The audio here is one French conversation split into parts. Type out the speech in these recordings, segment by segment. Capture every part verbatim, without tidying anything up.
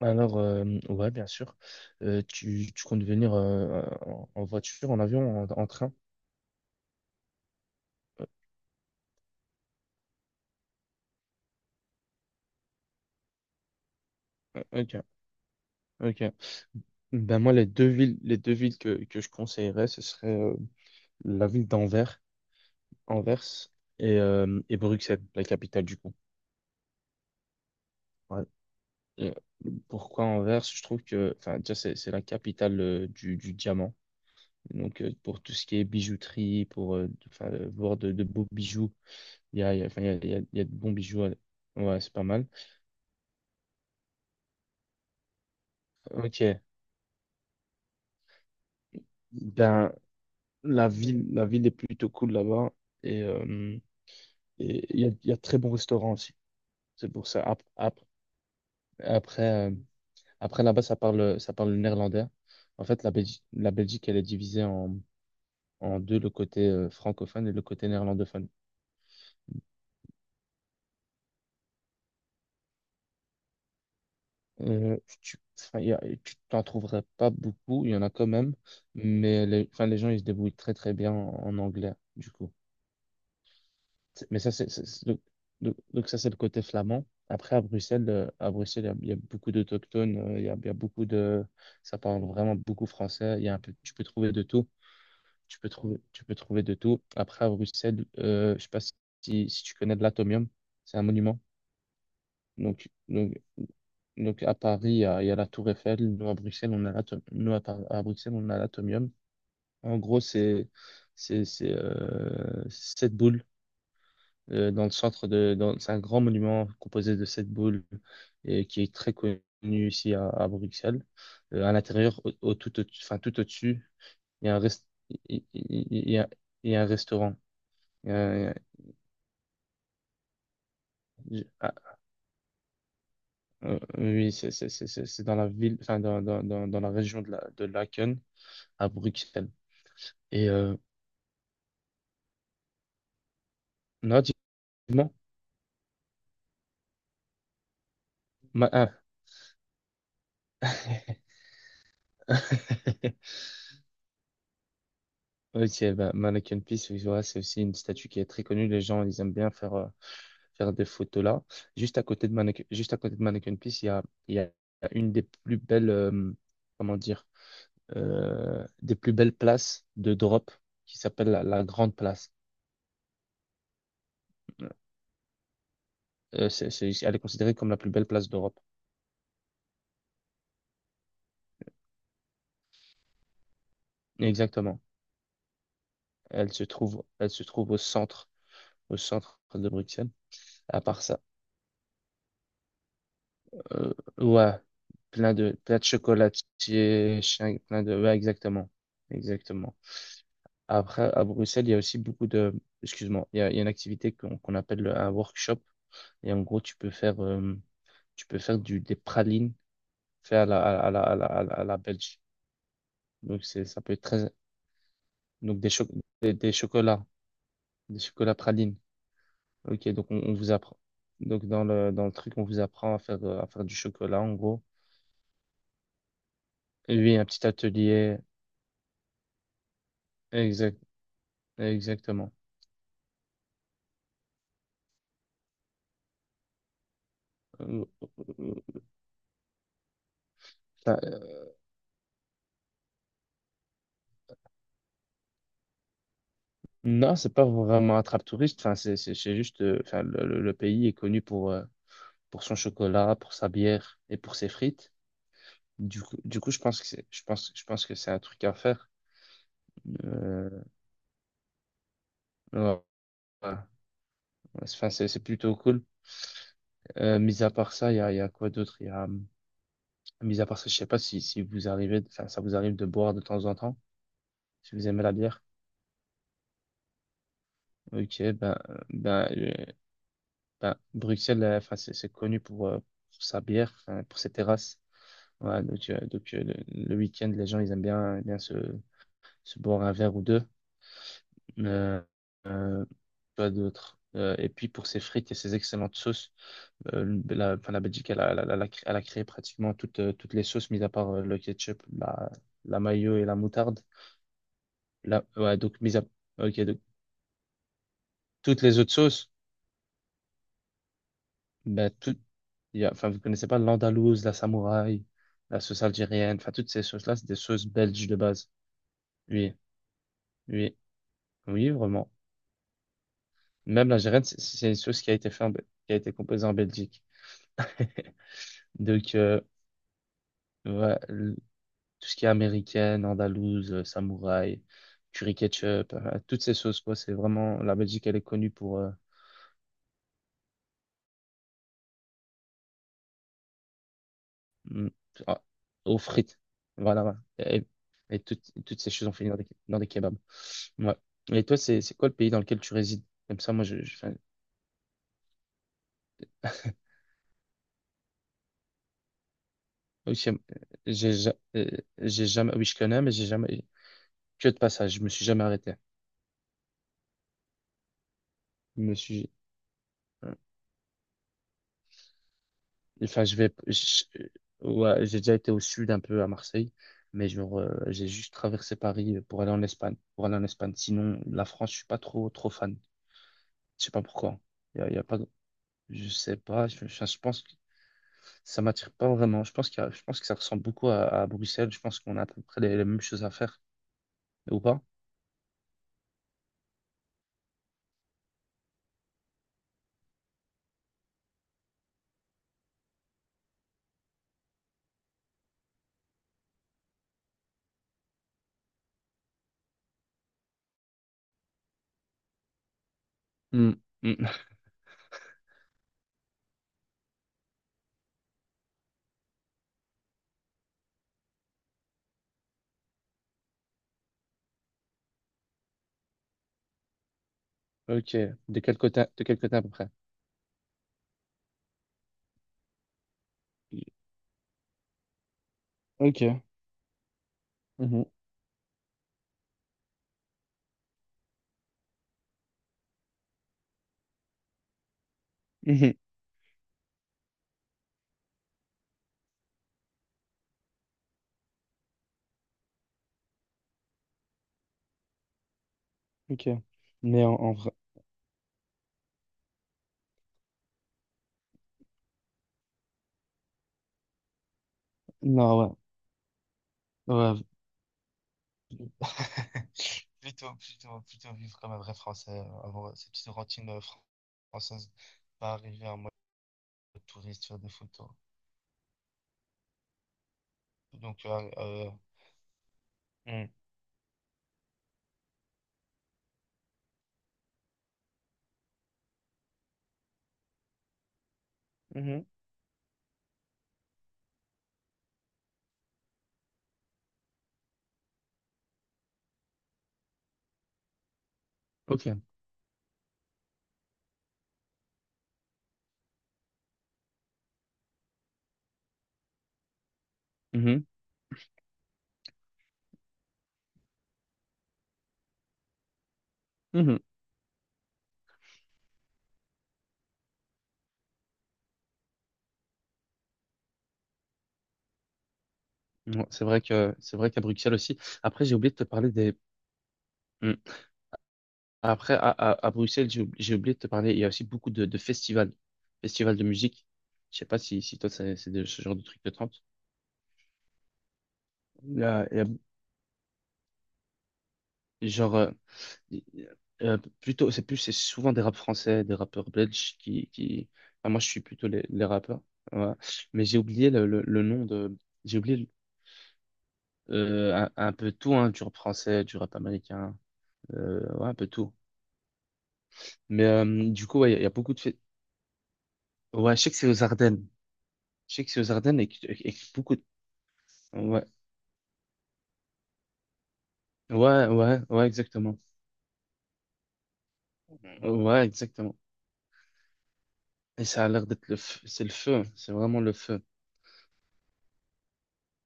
Alors, euh, ouais, bien sûr. Euh, tu, tu comptes venir euh, en, en voiture, en avion, en, en train? Ok, ok. Ben moi, les deux villes, les deux villes que, que je conseillerais, ce serait euh, la ville d'Anvers, Anvers et, euh, et Bruxelles, la capitale du coup. Ouais. Et euh, pourquoi Anvers? Je trouve que, enfin, déjà, c'est c'est la capitale euh, du, du diamant. Donc, euh, pour tout ce qui est bijouterie, pour euh, enfin, euh, voir de, de beaux bijoux, il y a, il y a, enfin, il y a, il y a il y a de bons bijoux. à- Ouais, c'est pas mal. Ok. Ben, la ville, la ville est plutôt cool là-bas et euh, et il y a, il y a de très bons restaurants aussi. C'est pour ça. Ap- ap- Après, euh, après là-bas, ça parle, ça parle le néerlandais. En fait, la Belgique, la Belgique, elle est divisée en, en deux, le côté euh, francophone et le côté néerlandophone. Euh, tu, enfin, il y a- tu t'en trouverais pas beaucoup, il y en a quand même, mais les, enfin, les gens, ils se débrouillent très très bien en, en anglais, du coup. C'est- Mais ça, c'est, c'est- c'est- donc, donc- donc ça, c'est le côté flamand. Après, à Bruxelles, euh, à Bruxelles, il y a, il y a beaucoup d'autochtones, euh, il y a, il y a beaucoup de, ça parle vraiment beaucoup français. Il y a un peu, tu peux trouver de tout. Tu peux trouver, tu peux trouver de tout. Après, à Bruxelles, euh, je sais pas si, si tu connais de l'Atomium, c'est un monument. Donc, donc, donc à Paris, il y a, il y a la Tour Eiffel. Nous, à Bruxelles, on a l'Atom- nous, à, Par- à Bruxelles, on a l'Atomium. En gros, c'est, c'est, c'est, euh, sept boules euh, dans le centre de, dans- c'est un grand monument composé de sept boules et qui est très connu ici à, à Bruxelles. Euh, à l'intérieur, au, au- tout, au, enfin, tout au-dessus, il y a un rest- il il- il y a, il y a un restaurant. Euh, j- ah, euh, oui, c'est c'est- c'est- c'est- c'est dans la ville, enfin, dans, dans, dans, dans la région de la, de Laken à Bruxelles. Et euh, non, dis-moi, ma- ah. Ok, bah, Mannequin Peace, oui, voilà, c'est aussi une statue qui est très connue. Les gens, ils aiment bien faire, euh, faire des photos là. Juste à côté de Mannequin, juste à côté de Mannequin Peace, il y a, il y a une des plus belles, euh, comment dire, euh, des plus belles places de drop qui s'appelle la, la Grande Place. Euh, euh, c'est, c'est- elle est considérée comme la plus belle place d'Europe. Exactement. Elle se trouve, elle se trouve au centre, au centre de Bruxelles. À part ça, Euh, ouais, plein de, plein de chocolatiers, chien- plein de, ouais, exactement, exactement. Après, à Bruxelles, il y a aussi beaucoup de, excuse-moi, il y a, il y a une activité qu'on qu'on appelle le- un workshop. Et en gros, tu peux faire, euh, tu peux faire du, des pralines faites à la, à la, à la, à la, à la Belge. Donc, c'est, ça peut être très, donc des, cho- des, des chocolats, des chocolats pralines. Ok, donc on, on vous apprend. Donc, dans le, dans le truc, on vous apprend à faire, euh, à faire du chocolat, en gros. Et oui, un petit atelier, exact, exactement. Euh, euh, enfin, euh, non, c'est pas vraiment attrape-touriste. Enfin, c'est c'est- c'est juste, euh, enfin, le, le- le pays est connu pour, euh, pour son chocolat, pour sa bière et pour ses frites. Du coup, du coup, je pense que c'est, je pense, je pense que c'est un truc à faire. Euh, ouais, ouais. Enfin, c'est c'est plutôt cool. Euh, mis à part ça, il y a, il y a quoi d'autre? Il y a, euh, mis à part ça, je sais pas si, si vous arrivez, enfin, ça vous arrive de boire de temps en temps, si vous aimez la bière. Ok, ben, ben, Ben, Bruxelles, euh, enfin, c'est c'est connu pour, euh, pour sa bière, enfin, pour ses terrasses. Voilà, donc, euh, donc, euh, le, le week-end, les gens, ils aiment bien, bien se, se boire un verre ou deux. Euh, euh, Pas d'autre. Euh, et puis pour ses frites et ses excellentes sauces, euh, la, enfin, la Belgique, elle a, elle a- elle a cré- elle a créé pratiquement toutes, euh, toutes les sauces, mis à part euh, le ketchup, la, la mayo et la moutarde. La, ouais, donc, mis à, ok, donc, toutes les autres sauces. Ben, tout, il y a, enfin, vous connaissez pas l'andalouse, la samouraï, la sauce algérienne, enfin, toutes ces sauces-là, c'est des sauces belges de base. Oui, oui, oui, vraiment. Même l'algérienne, c'est c'est une sauce qui a été faite, en Be- qui a été composée en Belgique. Donc, euh, ouais, le- tout ce qui est américaine, andalouse, euh, samouraï, curry ketchup, euh, toutes ces sauces, quoi, c'est vraiment, la Belgique, elle est connue pour, euh, Mm. Ah, aux frites. Voilà, voilà. Et, et toutes, toutes ces choses ont fini dans des, dans des kebabs. Ouais. Et toi, c'est, c'est quoi le pays dans lequel tu résides? Comme ça, moi, je, je, enfin, aussi, euh, j'ai, ja- euh, j'ai jamais, oui, je connais, mais j'ai jamais, que de passage, je me suis jamais arrêté. Je me suis, euh, enfin, je vais, je- ouais, j'ai déjà été au sud un peu à Marseille, mais genre, euh, j'ai juste traversé Paris euh, pour aller en Espagne, pour aller en Espagne. Sinon, la France, je suis pas trop, trop fan. Je sais pas pourquoi. Il y a, y a pas. Je sais pas, je, je- je pense que ça m'attire pas vraiment. Je pense qu'il y a- je pense que ça ressemble beaucoup à, à Bruxelles. Je pense qu'on a à peu près les, les mêmes choses à faire, ou pas? Hmm, hmm. Ok, de quel côté, de quel côté à peu près? Ok. Mhm. Mhm. Ok. Mais en, en vrai, non, ouais. Ouais. Plutôt, plutôt, plutôt vivre comme un vrai Français, euh, avoir ces petites routines euh, fran- françaises, pas arriver en mode touriste, faire des photos. Donc, euh, euh, hmm. Mhm. Ok. Mhm. Mhm. Mmh, ouais, c'est vrai que c'est vrai qu'à Bruxelles aussi. Après, j'ai oublié de te parler des. Hmm. Après, à, à, à Bruxelles, j'ai oubli- j'ai oublié de te parler. Il y a aussi beaucoup de, de festivals, festivals de musique. Je sais pas si, si toi, c'est c'est de- ce genre de truc de trente. Il y a- il y a- genre, euh, il- euh, plutôt, c'est plus, c'est souvent des rap français, des rappeurs belges qui, qui... enfin, moi, je suis plutôt les, les rappeurs. Voilà. Mais j'ai oublié le, le, le nom de. J'ai oublié euh, un, un peu tout, hein, du rap français, du rap américain, euh, ouais, un peu tout. Mais euh, du coup, ouais, il y a il y a beaucoup de fêtes. Ouais, je sais que c'est aux Ardennes. Je sais que c'est aux Ardennes et, que- et que beaucoup de... Ouais, ouais, ouais, ouais, exactement. Ouais, exactement. Et ça a l'air d'être le feu. C'est le feu. hein. C'est vraiment le feu.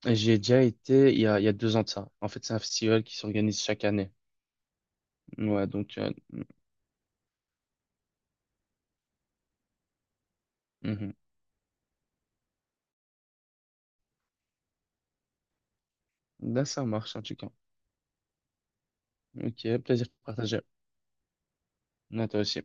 Et J'y ai déjà été il y a, il y a deux ans de ça. En fait, c'est un festival qui s'organise chaque année. Ouais, donc... euh, mhm. Là, ça marche, en tout cas. Ok, plaisir partagé. À toi aussi.